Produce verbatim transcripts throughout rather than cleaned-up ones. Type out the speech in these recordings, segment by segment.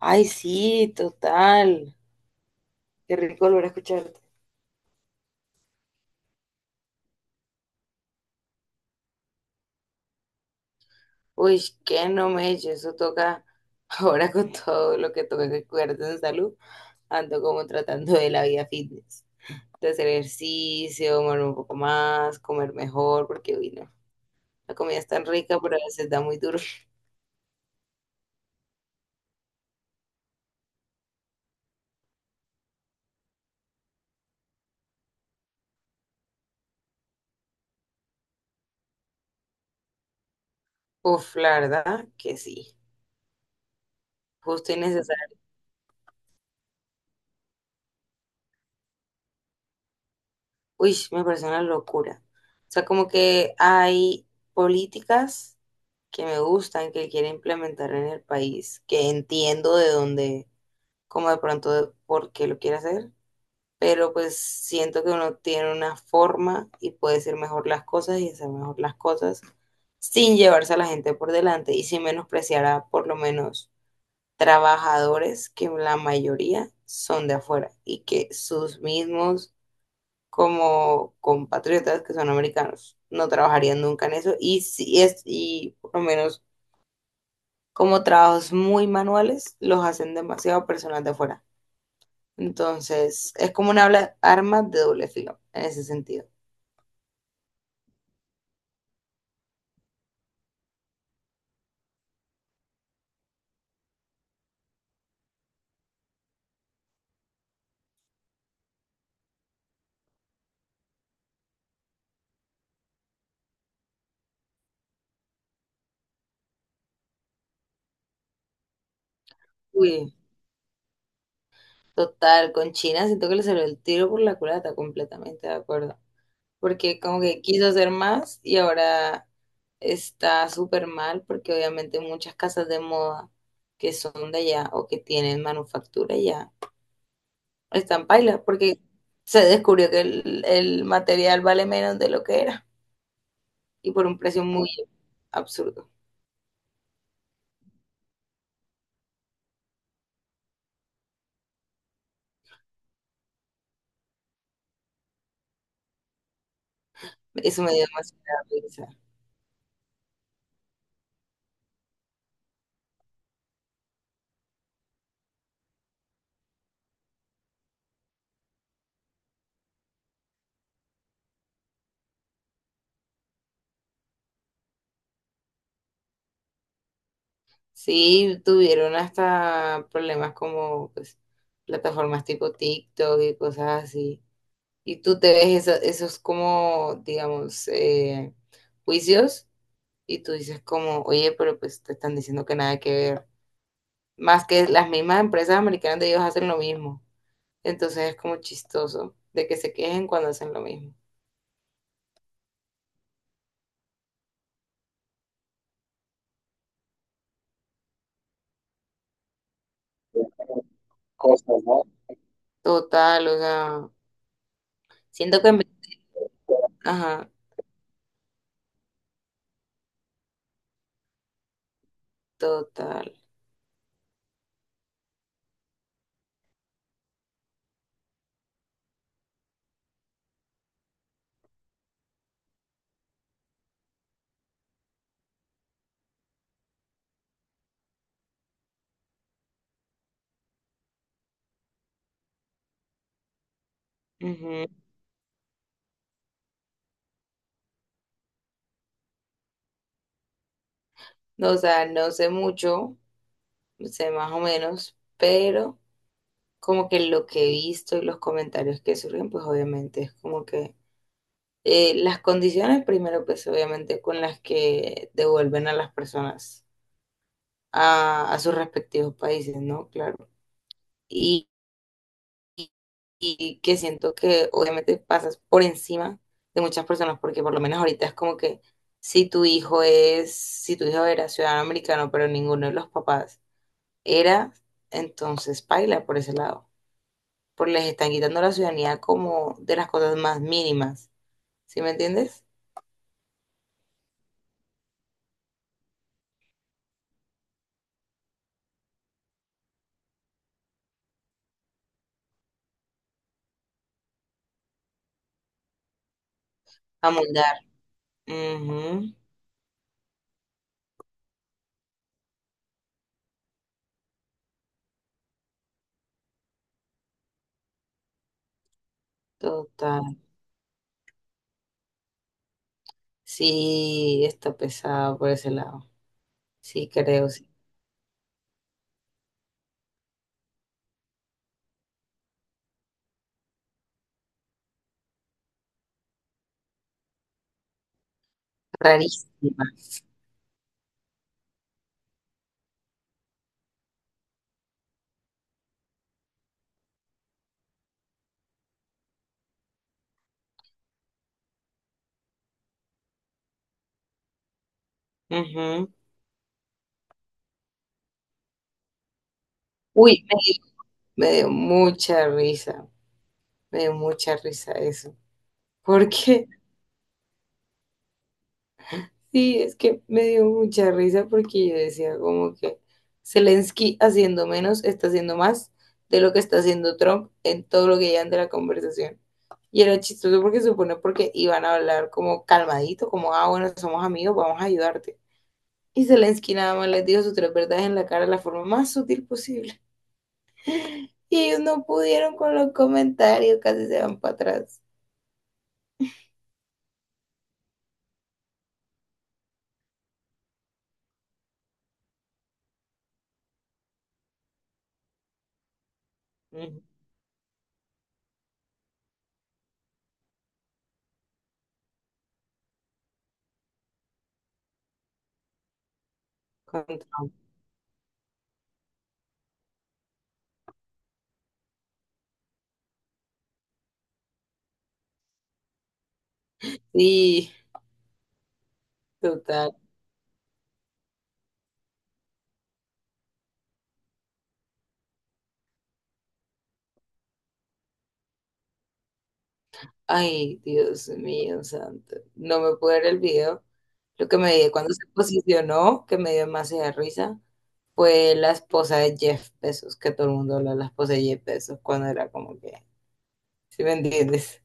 Ay, sí, total. Qué rico volver a escucharte. Uy, qué no me eche, eso toca. Ahora con todo lo que toca que cuidarte en salud, ando como tratando de la vida fitness. De hacer ejercicio, mover un poco más, comer mejor, porque uy, no. La comida es tan rica, pero a veces da muy duro. Uf, la verdad que sí. Justo y necesario. Uy, me parece una locura. O sea, como que hay políticas que me gustan, que quiere implementar en el país, que entiendo de dónde, como de pronto de por qué lo quiere hacer, pero pues siento que uno tiene una forma y puede decir mejor las cosas y hacer mejor las cosas sin llevarse a la gente por delante y sin menospreciar a por lo menos trabajadores que la mayoría son de afuera y que sus mismos como compatriotas que son americanos. No trabajarían nunca en eso y si es y por lo menos como trabajos muy manuales los hacen demasiado personas de afuera. Entonces, es como una habla- arma de doble filo en ese sentido. Uy, total, con China siento que le salió el tiro por la culata, completamente de acuerdo. Porque como que quiso hacer más y ahora está súper mal porque obviamente muchas casas de moda que son de allá o que tienen manufactura allá están en paila, porque se descubrió que el, el material vale menos de lo que era y por un precio muy absurdo. Eso me dio demasiada risa. Sí, tuvieron hasta problemas como pues, plataformas tipo TikTok y cosas así. Y tú te ves eso- esos como, digamos, eh, juicios y tú dices como, oye, pero pues te están diciendo que nada que ver. Más que las mismas empresas americanas de ellos hacen lo mismo. Entonces es como chistoso de que se quejen cuando hacen lo mismo. Cosas, ¿no? Total, o sea, siento que en vez- ajá, total. Ujú. No, o sea, no sé mucho, sé más o menos, pero como que lo que he visto y los comentarios que surgen, pues obviamente es como que eh, las condiciones primero, pues obviamente con las que devuelven a las personas a, a sus respectivos países, ¿no? Claro. y, y- y que siento que obviamente pasas por encima de muchas personas, porque por lo menos ahorita es como que si tu hijo es, si tu hijo era ciudadano americano, pero ninguno de los papás era, entonces paila por ese lado, porque les están quitando la ciudadanía como de las cosas más mínimas, ¿sí me entiendes? Amoldar. Ujú, total. Sí, está pesado por ese lado. Sí, creo, sí. Rarísimas. Ujú. Uy, me dio mucha risa, me dio mucha risa eso. Porque sí, es que me dio mucha risa porque yo decía como que Zelensky haciendo menos está haciendo más de lo que está haciendo Trump en todo lo que llevan de la conversación. Y era chistoso porque se supone porque iban a hablar como calmadito, como, ah, bueno, somos amigos, vamos a ayudarte. Y Zelensky nada más les dijo sus tres verdades en la cara de la forma más sutil posible. Y ellos no pudieron con los comentarios, casi se van para atrás. Ujú. Con Trump. Sí, total. Ay, Dios mío, santo. No me pude ver el video. Lo que me dio cuando se posicionó, que me dio demasiada risa, fue la esposa de Jeff Bezos, que todo el mundo habla de la esposa de Jeff Bezos cuando era como que, ¿sí me entiendes?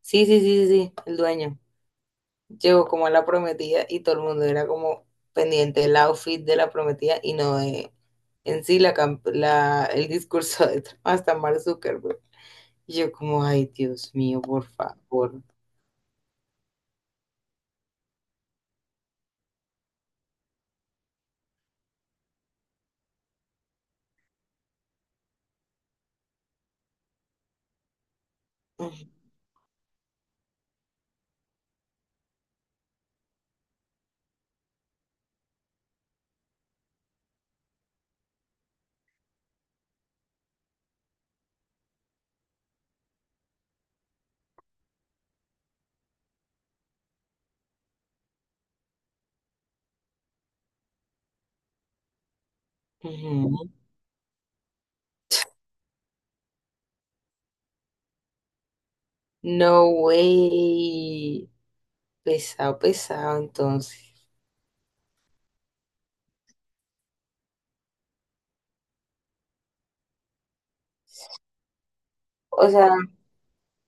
Sí, sí, sí, sí, sí, el dueño. Llegó como a la prometida y todo el mundo era como pendiente del outfit de la prometida y no de en sí la, cam- la- el discurso de Trump, hasta Mark Zuckerberg. Y yo como, ay, Dios mío, por favor. Ujú. Ujú. No way. Pesado, pesado, entonces. O sea,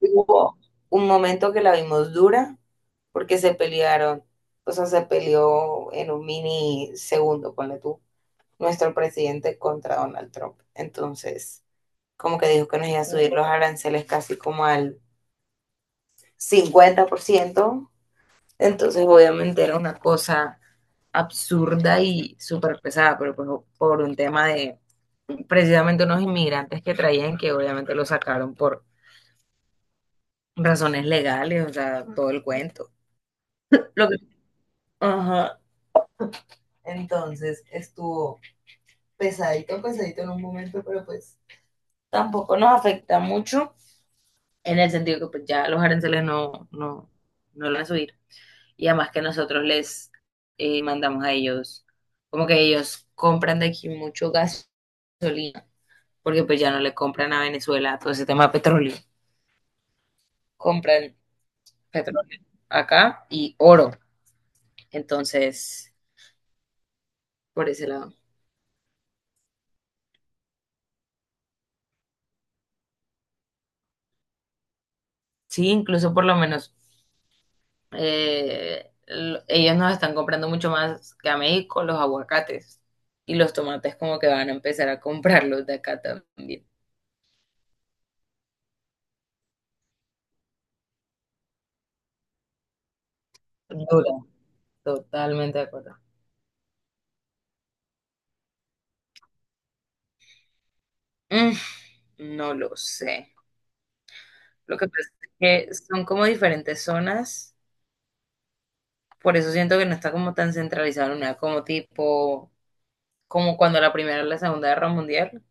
hubo un momento que la vimos dura porque se pelearon. O sea, se peleó en un mini segundo, ponle tú, nuestro presidente contra Donald Trump. Entonces, como que dijo que nos iba a subir los aranceles casi como al cincuenta por ciento. Entonces, obviamente era una cosa absurda y súper pesada, pero pues por un tema de precisamente unos inmigrantes que traían que obviamente lo sacaron por razones legales, o sea, todo el cuento. Lo que, ajá, entonces estuvo pesadito, pesadito en un momento, pero pues tampoco nos afecta mucho en el sentido que pues ya los aranceles no, no, no van a subir. Y además que nosotros les eh, mandamos a ellos, como que ellos compran de aquí mucho gasolina, porque pues ya no le compran a Venezuela todo ese tema de petróleo, compran petróleo acá y oro, entonces por ese lado. Sí, incluso por lo menos eh, l- ellos nos están comprando mucho más que a México los aguacates y los tomates como que van a empezar a comprarlos de acá también. Dura, totalmente de acuerdo. Mm, no lo sé. Lo que pasa es que son como diferentes zonas, por eso siento que no está como tan centralizado en una, como tipo, como cuando la Primera y la Segunda Guerra Mundial,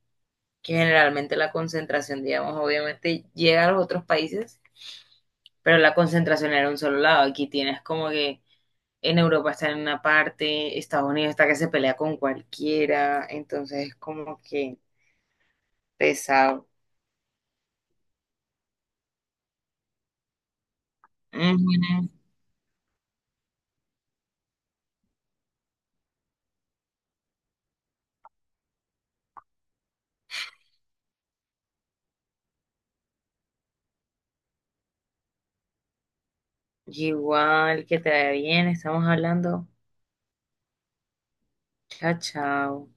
que generalmente la concentración, digamos, obviamente llega a los otros países, pero la concentración era en un solo lado. Aquí tienes como que en Europa está en una parte, Estados Unidos está que se pelea con cualquiera, entonces es como que pesado. Ujú. Igual que te vaya bien, estamos hablando. Chao, chao.